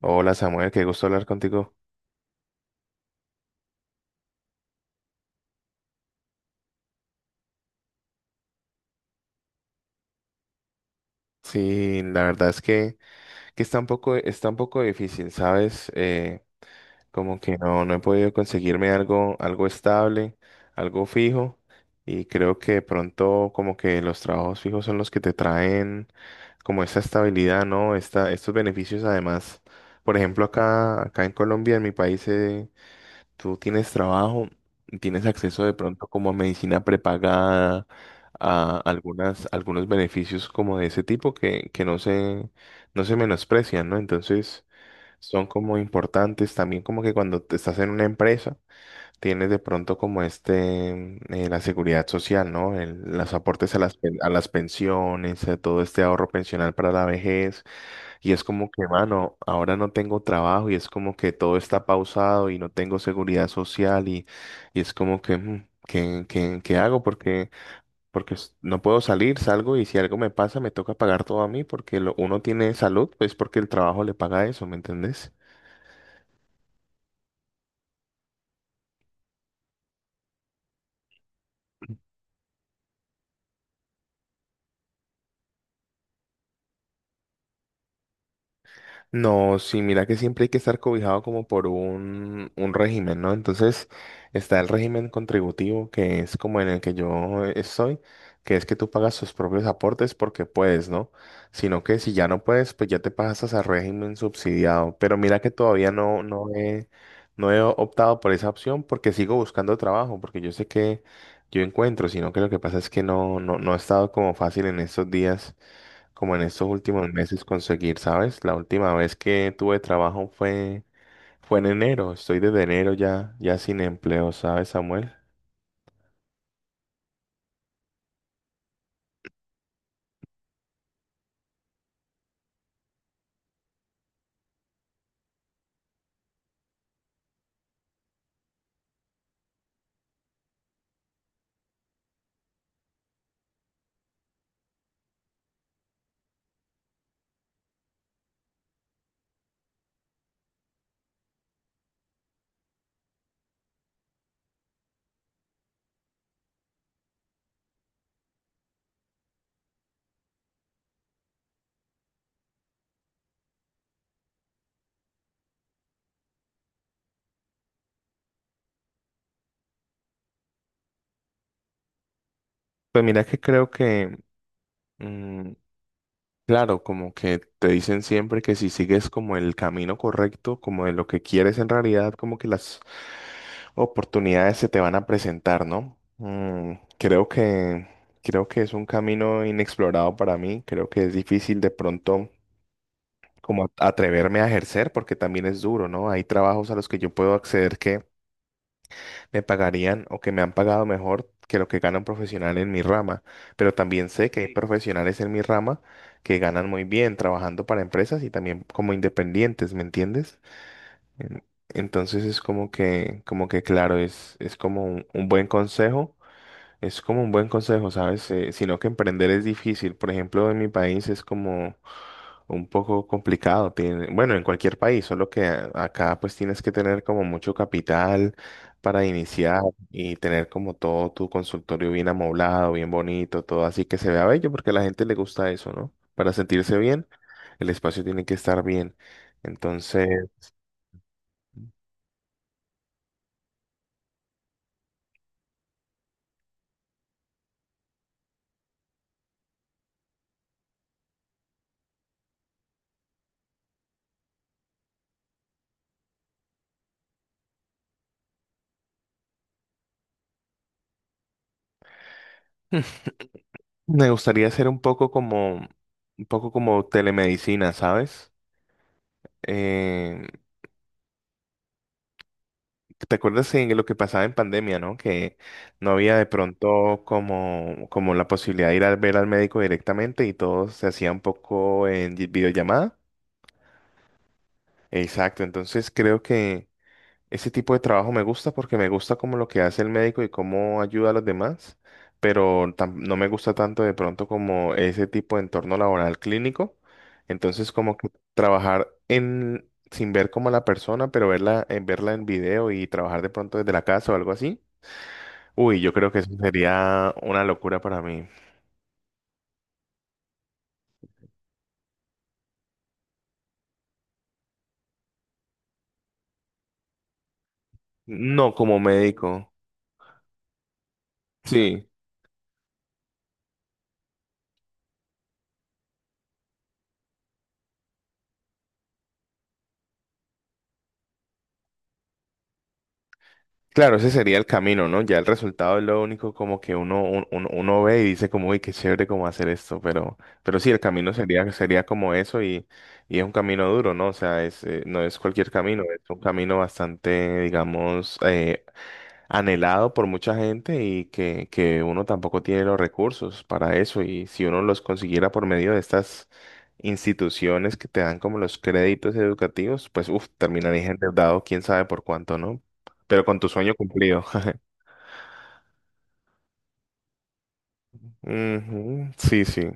Hola Samuel, qué gusto hablar contigo. Sí, la verdad es que está un poco difícil, ¿sabes? Como que no he podido conseguirme algo estable, algo fijo, y creo que de pronto como que los trabajos fijos son los que te traen como esta estabilidad, ¿no? Estos beneficios además. Por ejemplo, acá en Colombia, en mi país, tú tienes trabajo, tienes acceso de pronto como a medicina prepagada, a algunos beneficios como de ese tipo que no no se menosprecian, ¿no? Entonces son como importantes también como que cuando te estás en una empresa tienes de pronto como la seguridad social, ¿no? Los aportes a a las pensiones, a todo este ahorro pensional para la vejez. Y es como que, mano, ahora no tengo trabajo y es como que todo está pausado y no tengo seguridad social y es como que, ¿qué, qué hago? Porque no puedo salir, salgo y si algo me pasa me toca pagar todo a mí porque uno tiene salud, pues porque el trabajo le paga eso, ¿me entendés? No, sí, mira que siempre hay que estar cobijado como por un régimen, ¿no? Entonces está el régimen contributivo, que es como en el que yo estoy, que es que tú pagas tus propios aportes porque puedes, ¿no? Sino que si ya no puedes, pues ya te pasas al régimen subsidiado. Pero mira que todavía no he optado por esa opción porque sigo buscando trabajo, porque yo sé que yo encuentro, sino que lo que pasa es que no ha estado como fácil en estos días como en estos últimos meses conseguir, ¿sabes? La última vez que tuve trabajo fue en enero. Estoy desde enero ya sin empleo, ¿sabes, Samuel? Pues mira que creo que, mm, claro, como que te dicen siempre que si sigues como el camino correcto, como de lo que quieres en realidad, como que las oportunidades se te van a presentar, ¿no? Creo que es un camino inexplorado para mí. Creo que es difícil de pronto, como atreverme a ejercer, porque también es duro, ¿no? Hay trabajos a los que yo puedo acceder que me pagarían o que me han pagado mejor que lo que gana un profesional en mi rama, pero también sé que hay Sí. profesionales en mi rama que ganan muy bien trabajando para empresas y también como independientes, ¿me entiendes? En- Entonces es como que claro, es como un buen consejo, es como un buen consejo, ¿sabes? Sino que emprender es difícil. Por ejemplo, en mi país es como un poco complicado. Bueno, en cualquier país, solo que acá pues tienes que tener como mucho capital para iniciar y tener como todo tu consultorio bien amoblado, bien bonito, todo así que se vea bello porque a la gente le gusta eso, ¿no? Para sentirse bien, el espacio tiene que estar bien. Entonces, me gustaría hacer un poco un poco como telemedicina, ¿sabes? Eh, ¿Te acuerdas en lo que pasaba en pandemia, ¿no? Que no había de pronto como la posibilidad de ir a ver al médico directamente y todo se hacía un poco en videollamada. Exacto, entonces creo que ese tipo de trabajo me gusta porque me gusta como lo que hace el médico y cómo ayuda a los demás, pero no me gusta tanto de pronto como ese tipo de entorno laboral clínico. Entonces como que trabajar en sin ver como a la persona, pero verla en video y trabajar de pronto desde la casa o algo así. Uy, yo creo que eso sería una locura para mí. No como médico. Sí, claro, ese sería el camino, ¿no? Ya el resultado es lo único como que uno ve y dice como, uy, qué chévere cómo hacer esto, pero sí, el camino sería como eso y es un camino duro, ¿no? O sea, no es cualquier camino, es un camino bastante, digamos, anhelado por mucha gente que uno tampoco tiene los recursos para eso. Y si uno los consiguiera por medio de estas instituciones que te dan como los créditos educativos, pues uff, terminarías endeudado, quién sabe por cuánto, ¿no? Pero con tu sueño cumplido. Ujú, sí, sí.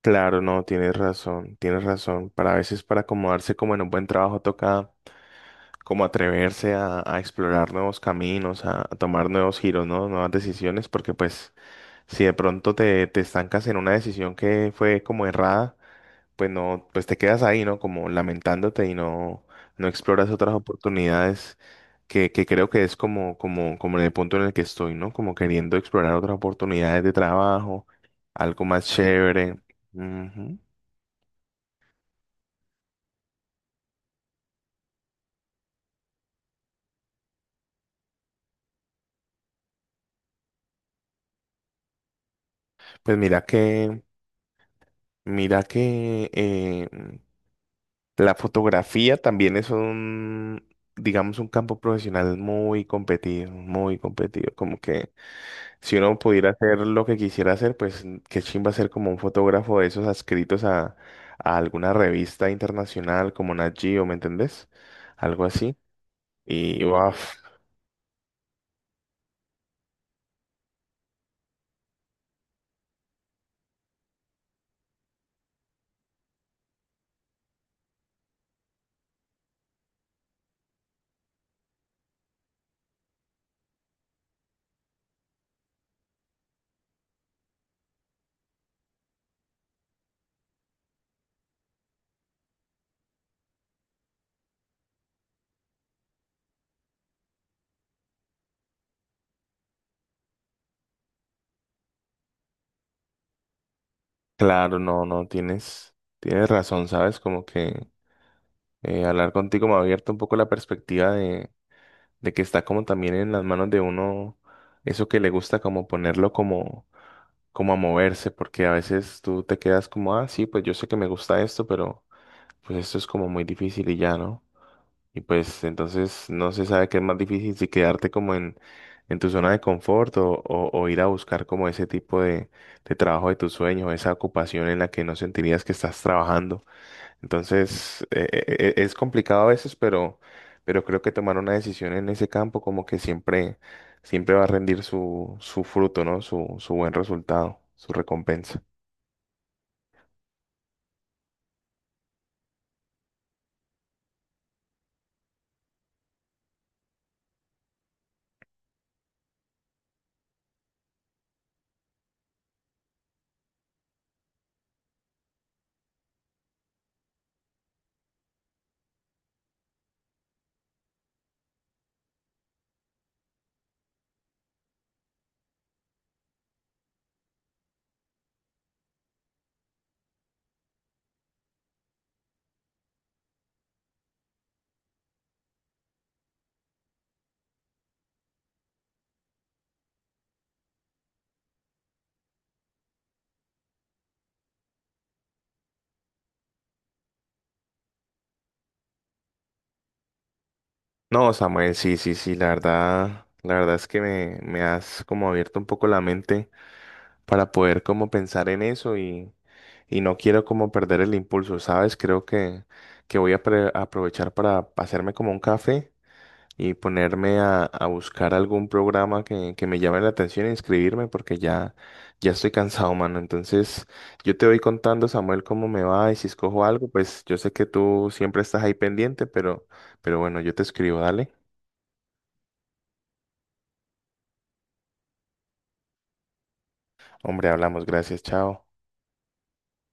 Claro, no, tienes razón, tienes razón. Para a veces para acomodarse como en un buen trabajo toca como atreverse a explorar nuevos caminos, a tomar nuevos giros, ¿no? Nuevas decisiones, porque pues si de pronto te estancas en una decisión que fue como errada, pues no, pues te quedas ahí, ¿no? Como lamentándote y no, no exploras otras oportunidades que creo que es como en el punto en el que estoy, ¿no? Como queriendo explorar otras oportunidades de trabajo, algo más chévere. Ujú. Pues mira que la fotografía también es un, digamos, un campo profesional muy competido, como que si uno pudiera hacer lo que quisiera hacer, pues qué chimba ser como un fotógrafo de esos adscritos a alguna revista internacional como Nat Geo, ¿me entendés? Algo así. Y uaf, claro, no, no, tienes, tienes razón, ¿sabes? Como que hablar contigo me ha abierto un poco la perspectiva de que está como también en las manos de uno eso que le gusta, como ponerlo como a moverse, porque a veces tú te quedas como, ah, sí, pues yo sé que me gusta esto, pero pues esto es como muy difícil y ya, ¿no? Y pues entonces no se sabe qué es más difícil, si quedarte como en tu zona de confort o, o ir a buscar como ese tipo de trabajo de tus sueños, esa ocupación en la que no sentirías que estás trabajando. Entonces es complicado a veces, pero creo que tomar una decisión en ese campo como que siempre, siempre va a rendir su fruto, ¿no? Su buen resultado, su recompensa. No, Samuel, sí, sí, sí, la verdad es que me has como abierto un poco la mente para poder como pensar en eso y no quiero como perder el impulso, ¿sabes? Creo que voy a aprovechar para hacerme como un café y ponerme a buscar algún programa que me llame la atención e inscribirme porque ya estoy cansado, mano. Entonces, yo te voy contando, Samuel, cómo me va y si escojo algo, pues yo sé que tú siempre estás ahí pendiente, pero bueno, yo te escribo, dale. Hombre, hablamos, gracias, chao.